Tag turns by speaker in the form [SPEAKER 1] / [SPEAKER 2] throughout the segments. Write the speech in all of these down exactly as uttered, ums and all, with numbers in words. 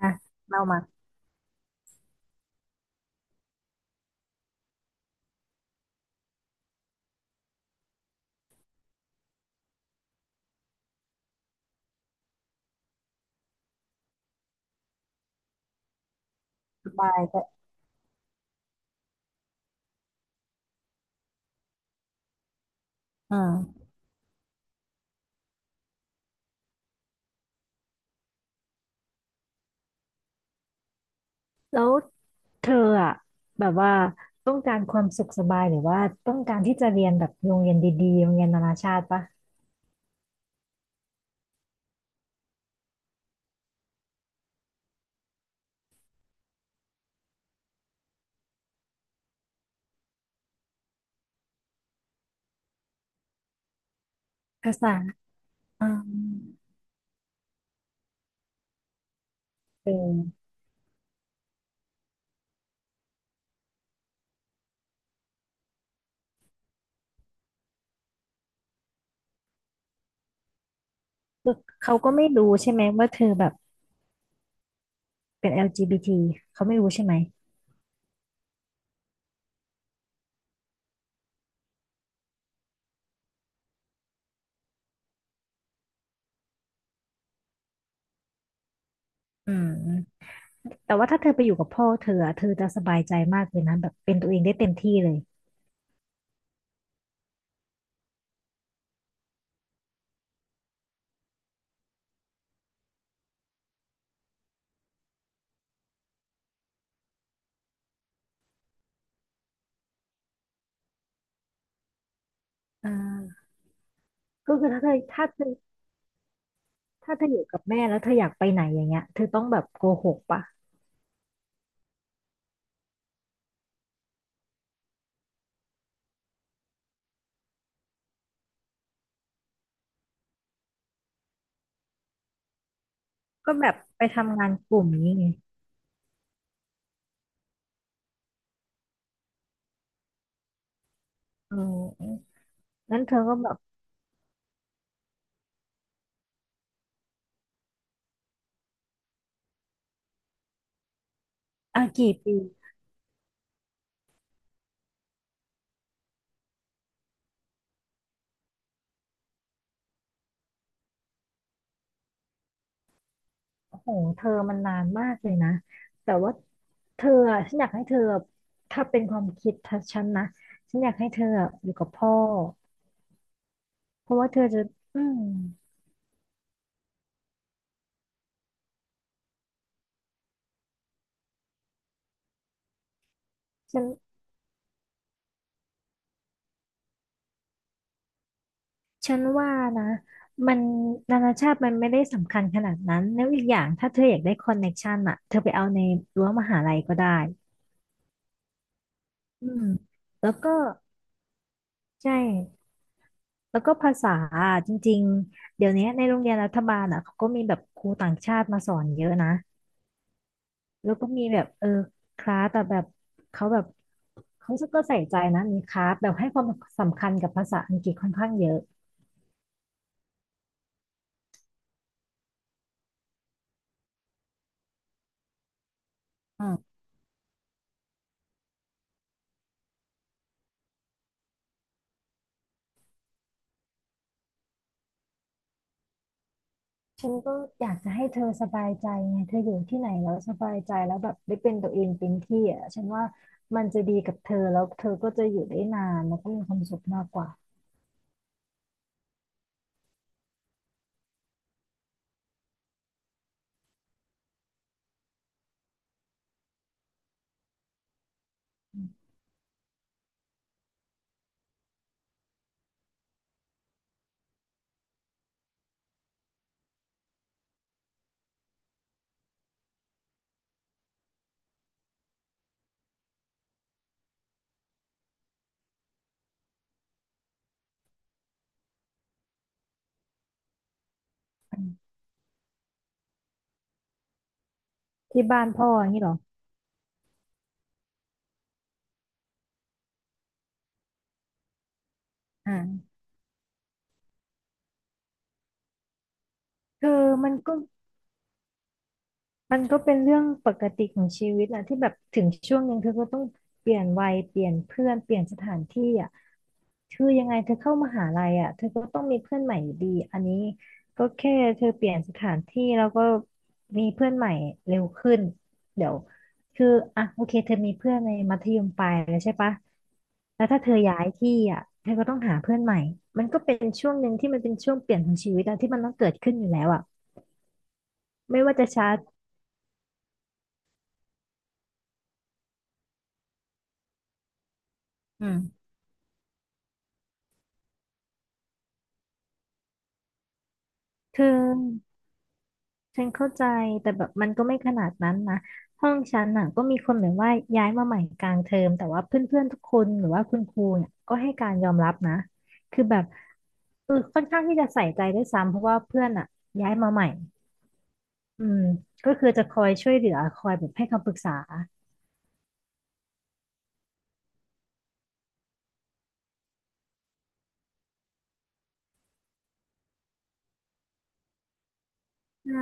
[SPEAKER 1] อ่ะเรามาสบายก็อืมแล้วเธออะแบบว่าต้องการความสุขสบายหรือว่าต้องการที่จะเรียนแบบโรงเรียนดีๆโรงเรียนนานาชาติปะภาษาอ่าเออคือเขาก็ไม่รู้ใช่ไหมว่าเธอแบบเป็น แอล จี บี ที เขาไม่รู้ใช่ไหมอืมแต่ว่าถ้าเธอไปอยู่กับพ่อเธออะเธอจะสบายใจมากเลยนะแบบเป็นตัวเองได้เต็มที่เลยอ่าก็คือถ้าเธอถ้าเธอถ้าเธออยู่กับแม่แล้วเธออยากไปไหนอย่างเงี้ยเธอต้องแบบโกหกปะ ก็แบบไปทำงานกลุ่มนี้ไงเออนั้นเธอก็แบบอ่ะกี่ปีโอ้โหเธอมันนานมากเลยนะ แต่ว่าเธออะฉันอยากให้เธอถ้าเป็นความคิดทัฉันนะ ฉันอยากให้เธออะอยู่กับพ่อ เพราะว่าเธอจะอืมฉันฉันว่านะ มันนานาชาติมันไม่ได้สำคัญขนาดนั้นแล้วอีกอย่างถ้าเธออยากได้คอนเน็กชันอะเธอไปเอาในรั้วมหาลัยก็ได้อืมแล้วก็ใช่ แล้วก็ภาษาอะจริงๆ เดี๋ยวนี้ในโรงเรียนรัฐบาลอ่ะเขาก็มีแบบครูต่างชาติมาสอนเยอะนะ แล้วก็มีแบบเออคลาสแต่แบบเขาแบบเขาก็ใส่ใจนะมีคลาสแบบให้ความสำคัญกับภาษาอังกฤษค่อนข้างเยอะอ่าฉันก็อยากจะให้เธอสบายใจไงเธออยู่ที่ไหนแล้วสบายใจแล้วแบบได้เป็นตัวเองเป็นที่อ่ะฉันว่ามันจะดีกับเธอแล้วเธอก็จะอยู่ได้นานแล้วก็มีความสุขมากกว่าที่บ้านพ่ออย่างนี้เหรออ่าคือมันก็ มันก็เป็นเรื่องปกติของชีวิตอะที่แบบถึงช่วงหนึ่งเธอก็ต้องเปลี่ยนวัยเปลี่ยนเพื่อนเปลี่ยนสถานที่อะคือยังไงเธอเข้ามหาลัยอะเธอก็ต้องมีเพื่อนใหม่อยู่ดีอันนี้ก็แค่เธอเปลี่ยนสถานที่แล้วก็มีเพื่อนใหม่เร็วขึ้นเดี๋ยวคืออ่ะโอเคเธอมีเพื่อนในมัธยมปลายแล้วใช่ปะแล้วถ้าเธอย้ายที่อะเธอก็ต้องหาเพื่อนใหม่มันก็เป็นช่วงหนึ่งที่มันเป็นช่วงเปลี่ยนของชีวิตอะที่มันต้องเกิดขึ้นอยู่แล้วอะไม่ว่าจะช้าอืมเธอ ฉันเข้าใจแต่แบบมันก็ไม่ขนาดนั้นนะห้องฉันน่ะก็มีคนเหมือนว่าย้ายมาใหม่กลางเทอมแต่ว่าเพื่อนๆทุกคนหรือว่าคุณครูเนี่ยก็ให้การยอมรับนะคือแบบเออค่อนข้างที่จะใส่ใจด้วยซ้ำเพราะว่าเพื่อนอ่ะย้ายมาใหม่อืมก็คือจะคอยช่วยเหลือคอยแบบให้คำปรึกษาใช่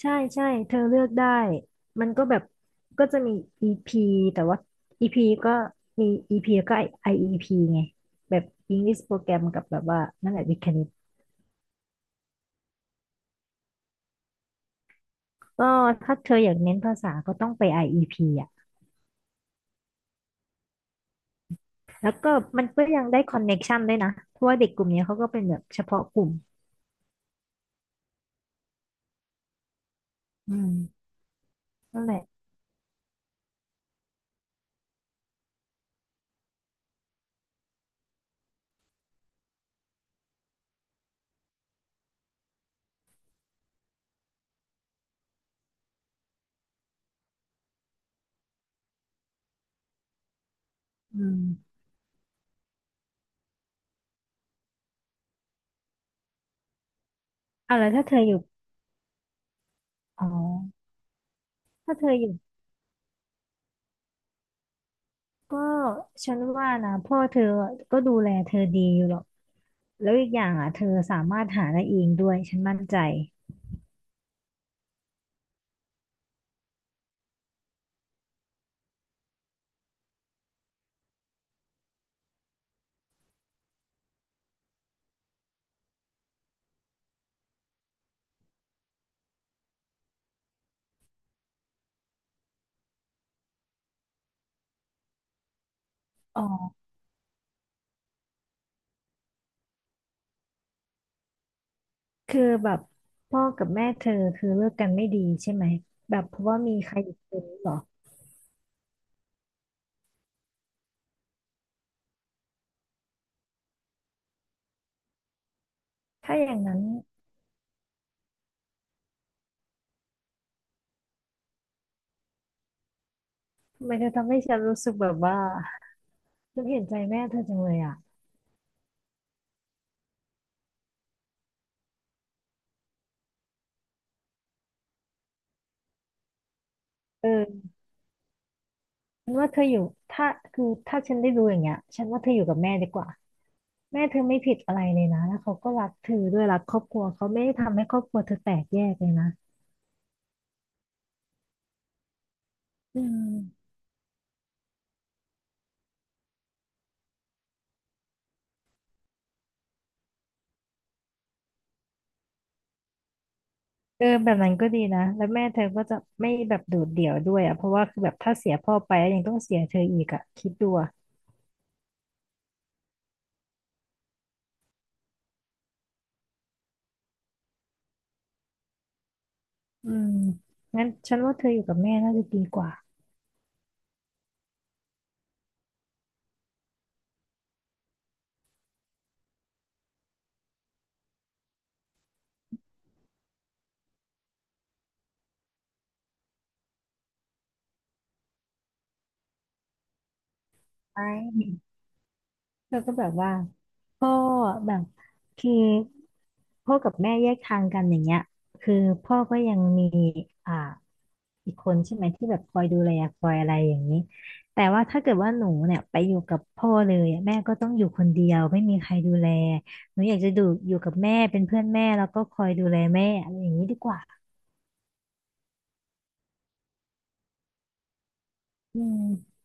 [SPEAKER 1] ใช่ใช่เธอเลือกได้มันก็แบบก็จะมี EP แต่ว่า อี พี ก็มี อี พี แล้วก็ IEP ไงแบบ English Program กับแบบว่านั่นแหละวิทย์คณิต ก็ถ้าเธออยากเน้นภาษาก็ต้องไป ไอ อี พี ออีพีอ่ะแล้วก็มันก็ยังได้คอนเน็กชันด้วยนะ เพราะว่าเด็กกลุ่มเนี้ยเขาก็เป็นแบบเฉพาะกลุ่มอืมนั่นแหละอืมเอาแล้วถ้าเธออยู่อ๋อถ้าเธออยู่ก็ฉันว่านะพ่อเธอก็ดูแลเธอดีอยู่หรอกแล้วอีกอย่างอ่ะเธอสามารถหาได้เองด้วยฉันมั่นใจอ๋อคือแบบพ่อกับแม่เธอคือเลิกกันไม่ดีใช่ไหมแบบเพราะว่ามีใครอีกคนหรอถ้าอย่างนั้นมันจะทำให้ฉันรู้สึกแบบว่า ฉันเห็นใจแม่เธอจังเลยอ่ะเออฉันว่าเธออยู่ถ้าคือ ถ้าฉันได้รู้อย่างเงี้ยฉันว่าเธออยู่กับแม่ดีกว่า แม่เธอไม่ผิดอะไรเลยนะแล้วเขาก็รักเธอด้วยรักครอบครัวเขาไม่ได้ทำให้ครอบครัวเธอแตกแยกเลยนะอืมเออแบบนั้นก็ดีนะแล้วแม่เธอก็จะไม่แบบโดดเดี่ยวด้วยอ่ะเพราะว่าคือแบบถ้าเสียพ่อไปแล้วยังต้องเสียเธออีกอ่ะคิดดูอะอืมงั้นฉันว่าเธออยู่กับแม่น่าจะดีกว่าไหมเธอก็แบบว่า ก็แบบคือพ่อกับแม่แยกทางกันอย่างเงี้ยคือพ่อก็ยังมีอ่าอีกคนใช่ไหมที่แบบคอยดูแลคอยอะไรอย่างนี้แต่ว่าถ้าเกิดว่าหนูเนี่ยไปอยู่กับพ่อเลยอะแม่ก็ต้องอยู่คนเดียวไม่มีใครดูแลหนูอยากจะดูอยู่กับแม่เป็นเพื่อนแม่แล้วก็คอยดูแลแม่อะไรอย่างนี้ดีกว่าอืม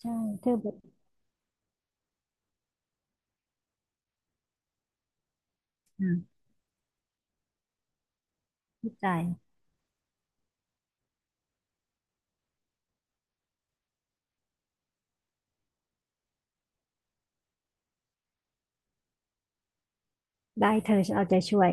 [SPEAKER 1] ใช่เธอแบบอ่าเข้าใจได้เธอฉันเอาใจช่วย